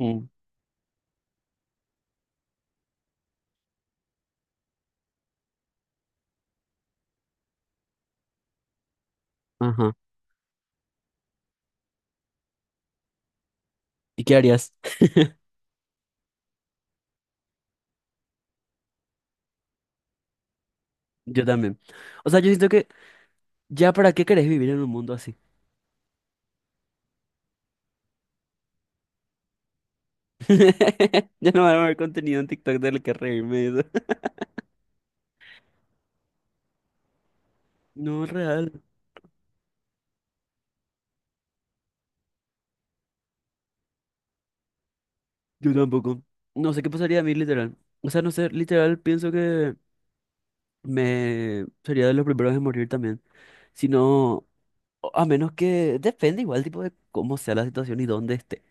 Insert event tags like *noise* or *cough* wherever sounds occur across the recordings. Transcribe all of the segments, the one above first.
Mm. Ajá. ¿Y qué harías? *laughs* Yo también. O sea, yo siento que ya para qué querés vivir en un mundo así. *laughs* Ya no va a haber contenido en TikTok del que reírme y eso. *laughs* No, real. Yo tampoco. No sé qué pasaría a mí, literal. O sea, no sé, literal, pienso que me sería de los primeros en morir también. Si no, a menos que depende igual, tipo, de cómo sea la situación y dónde esté.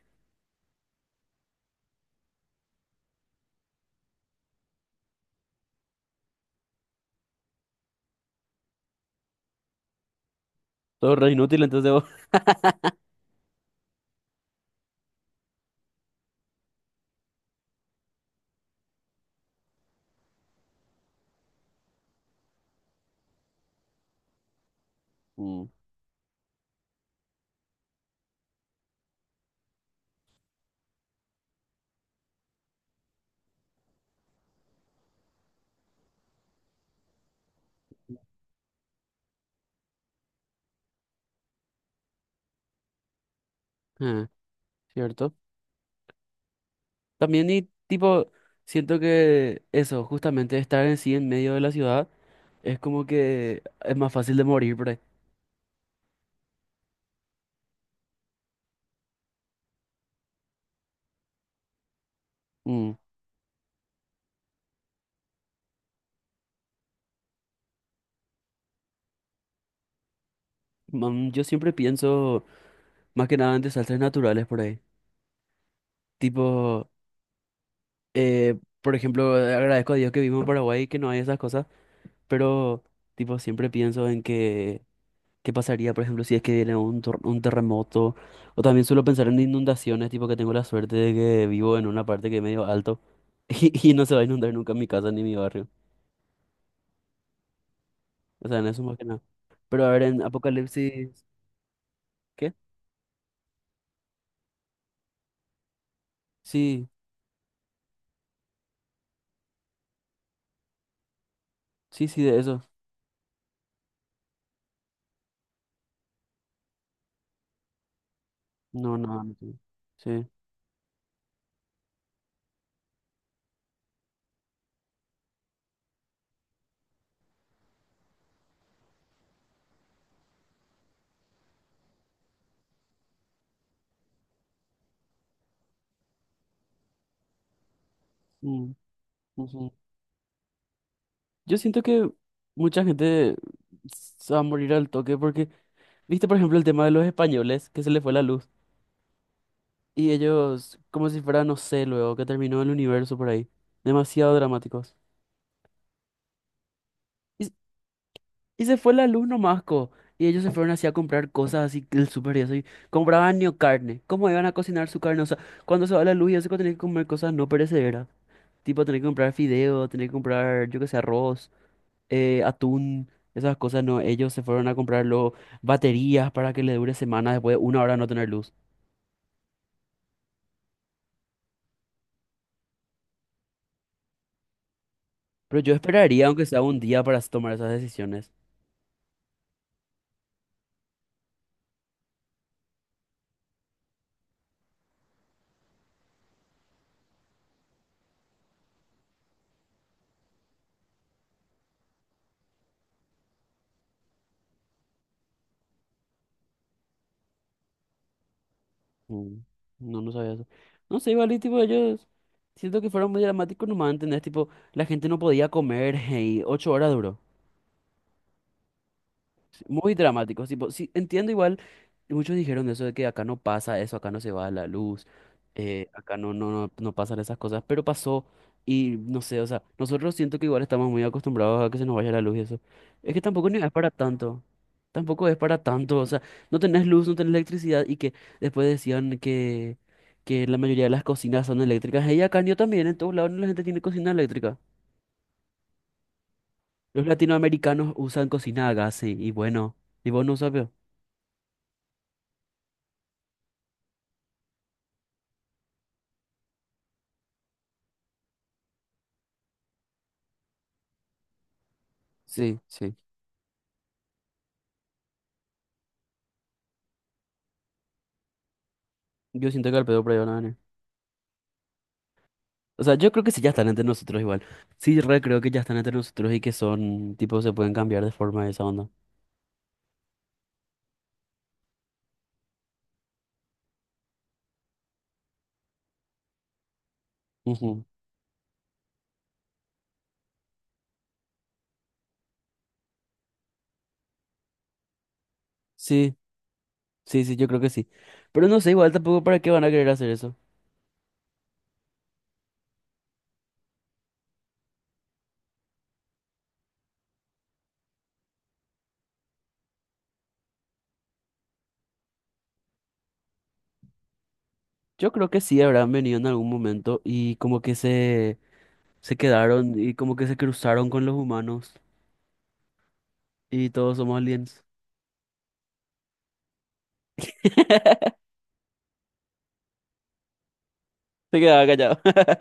Todo re inútil, entonces, *laughs* vos. Mm. Ah, ¿cierto? También, y tipo, siento que eso, justamente estar en sí en medio de la ciudad, es como que es más fácil de morir por ahí. Mm. Man, yo siempre pienso más que nada en desastres naturales por ahí. Tipo, por ejemplo, agradezco a Dios que vivo en Paraguay y que no hay esas cosas, pero tipo, siempre pienso en que qué pasaría, por ejemplo, si es que viene un, un terremoto, o también suelo pensar en inundaciones, tipo que tengo la suerte de que vivo en una parte que es medio alto *laughs* y no se va a inundar nunca mi casa ni mi barrio. O sea, en eso más que nada. Pero a ver, en apocalipsis, ¿qué? Sí, sí, sí, de eso. No, no, no, no. Sí. Sí. Mm, ujú. Yo siento que mucha gente se va a morir al toque porque, viste, por ejemplo, el tema de los españoles, que se les fue la luz. Y ellos, como si fuera, no sé, luego que terminó el universo por ahí. Demasiado dramáticos. Y se fue la luz nomás, co. Y ellos se fueron así a comprar cosas así que el súper y eso. Y compraban ni carne. ¿Cómo iban a cocinar su carne? O sea, cuando se va la luz y eso que tenés que comer cosas no perecederas. Tipo, tenés que comprar fideo, tenés que comprar, yo qué sé, arroz, atún, esas cosas, no. Ellos se fueron a comprar luego baterías para que le dure semanas después de 1 hora de no tener luz. Pero yo esperaría, aunque sea un día, para tomar esas decisiones. Mm. No, no sabía eso. No sé, igual, y tipo ellos, siento que fueron muy dramáticos nomás, ¿entendés? Tipo, la gente no podía comer *laughs* y 8 horas duró. Sí, muy dramáticos, tipo, sí, entiendo igual, y muchos dijeron eso de que acá no pasa eso, acá no se va la luz, acá no pasan esas cosas, pero pasó, y no sé, o sea, nosotros siento que igual estamos muy acostumbrados a que se nos vaya la luz y eso. Es para tanto, tampoco es para tanto, o sea, no tenés luz, no tenés electricidad, y que después decían que la mayoría de las cocinas son eléctricas. Y acá yo también, en todos lados la gente tiene cocina eléctrica. Los latinoamericanos usan cocina a gas, sí, y bueno, y vos no sabes. Sí, sí. Yo siento que al pedo por ahí van a venir. O sea, yo creo que sí, ya están entre nosotros igual. Sí, re creo que ya están entre nosotros y que son, tipo, se pueden cambiar de forma, de esa onda. Ujú. Sí, sí, sí, yo creo que sí. Pero no sé, igual tampoco para qué van a querer hacer eso. Yo creo que sí habrán venido en algún momento y como que se quedaron y como que se cruzaron con los humanos, y todos somos aliens. *laughs* Se quedaba callado. *laughs*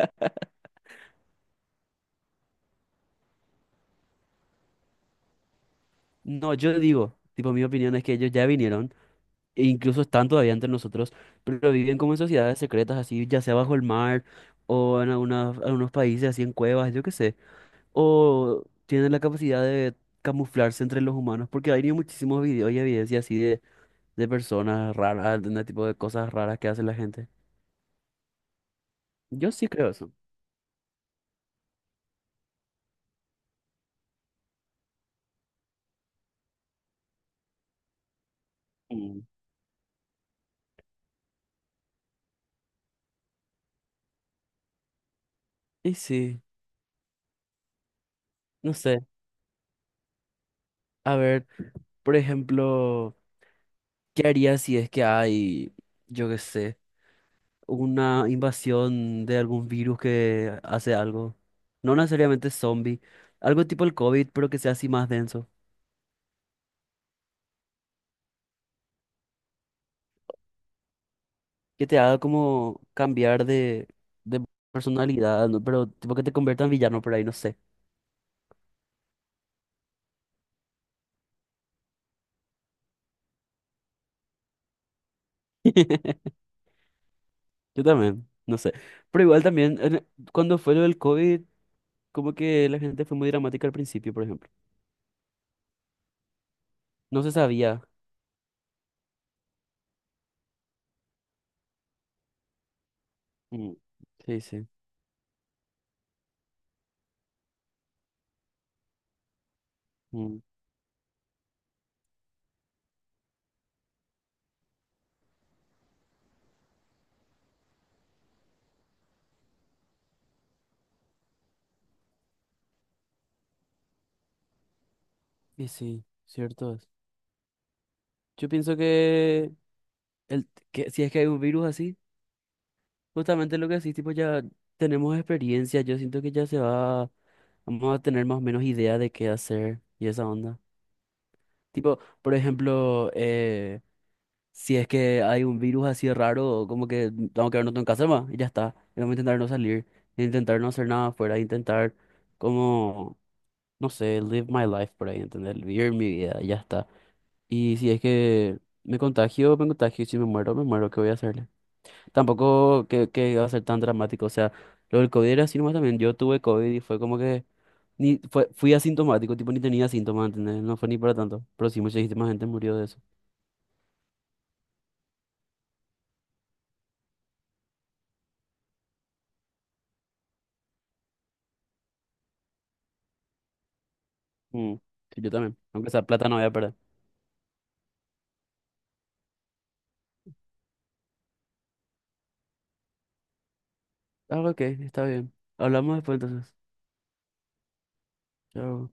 No, yo digo, tipo, mi opinión es que ellos ya vinieron e incluso están todavía entre nosotros, pero viven como en sociedades secretas, así, ya sea bajo el mar o en algunos países, así en cuevas, yo qué sé, o tienen la capacidad de camuflarse entre los humanos, porque hay muchísimos videos y evidencia así de personas raras, de ese tipo de cosas raras que hace la gente. Yo sí creo eso. Mm. Y sí, no sé, a ver, por ejemplo, ¿qué harías si es que hay, yo qué sé, una invasión de algún virus que hace algo? No necesariamente zombie, algo tipo el COVID, pero que sea así más denso. Que te haga como cambiar de personalidad, ¿no? Pero tipo que te convierta en villano por ahí, no sé. *laughs* Yo también, no sé. Pero igual también, cuando fue lo del COVID, como que la gente fue muy dramática al principio, por ejemplo. No se sabía. Mm. Sí, sí. Mm. Y sí, cierto es. Yo pienso que que si es que hay un virus así, justamente lo que decís, tipo, ya tenemos experiencia, yo siento que vamos a tener más o menos idea de qué hacer y esa onda. Tipo, por ejemplo, si es que hay un virus así raro, como que vamos a quedarnos en casa más y ya está. Y vamos a intentar no salir, intentar no hacer nada afuera, intentar como, no sé, live my life por ahí, ¿entendés? Vivir mi vida y ya está. Y si es que me contagio, y si me muero, me muero. ¿Qué voy a hacer? Tampoco que iba a ser tan dramático. O sea, lo del COVID era así nomás también. Yo tuve COVID y fue como que ni fue, fui asintomático, tipo ni tenía síntomas, ¿entendés? No fue ni para tanto. Pero sí, muchísima gente murió de eso. Mm. Sí, yo también. Aunque esa plata no voy a perder. Ah, ok, está bien. Hablamos después, entonces. Chao.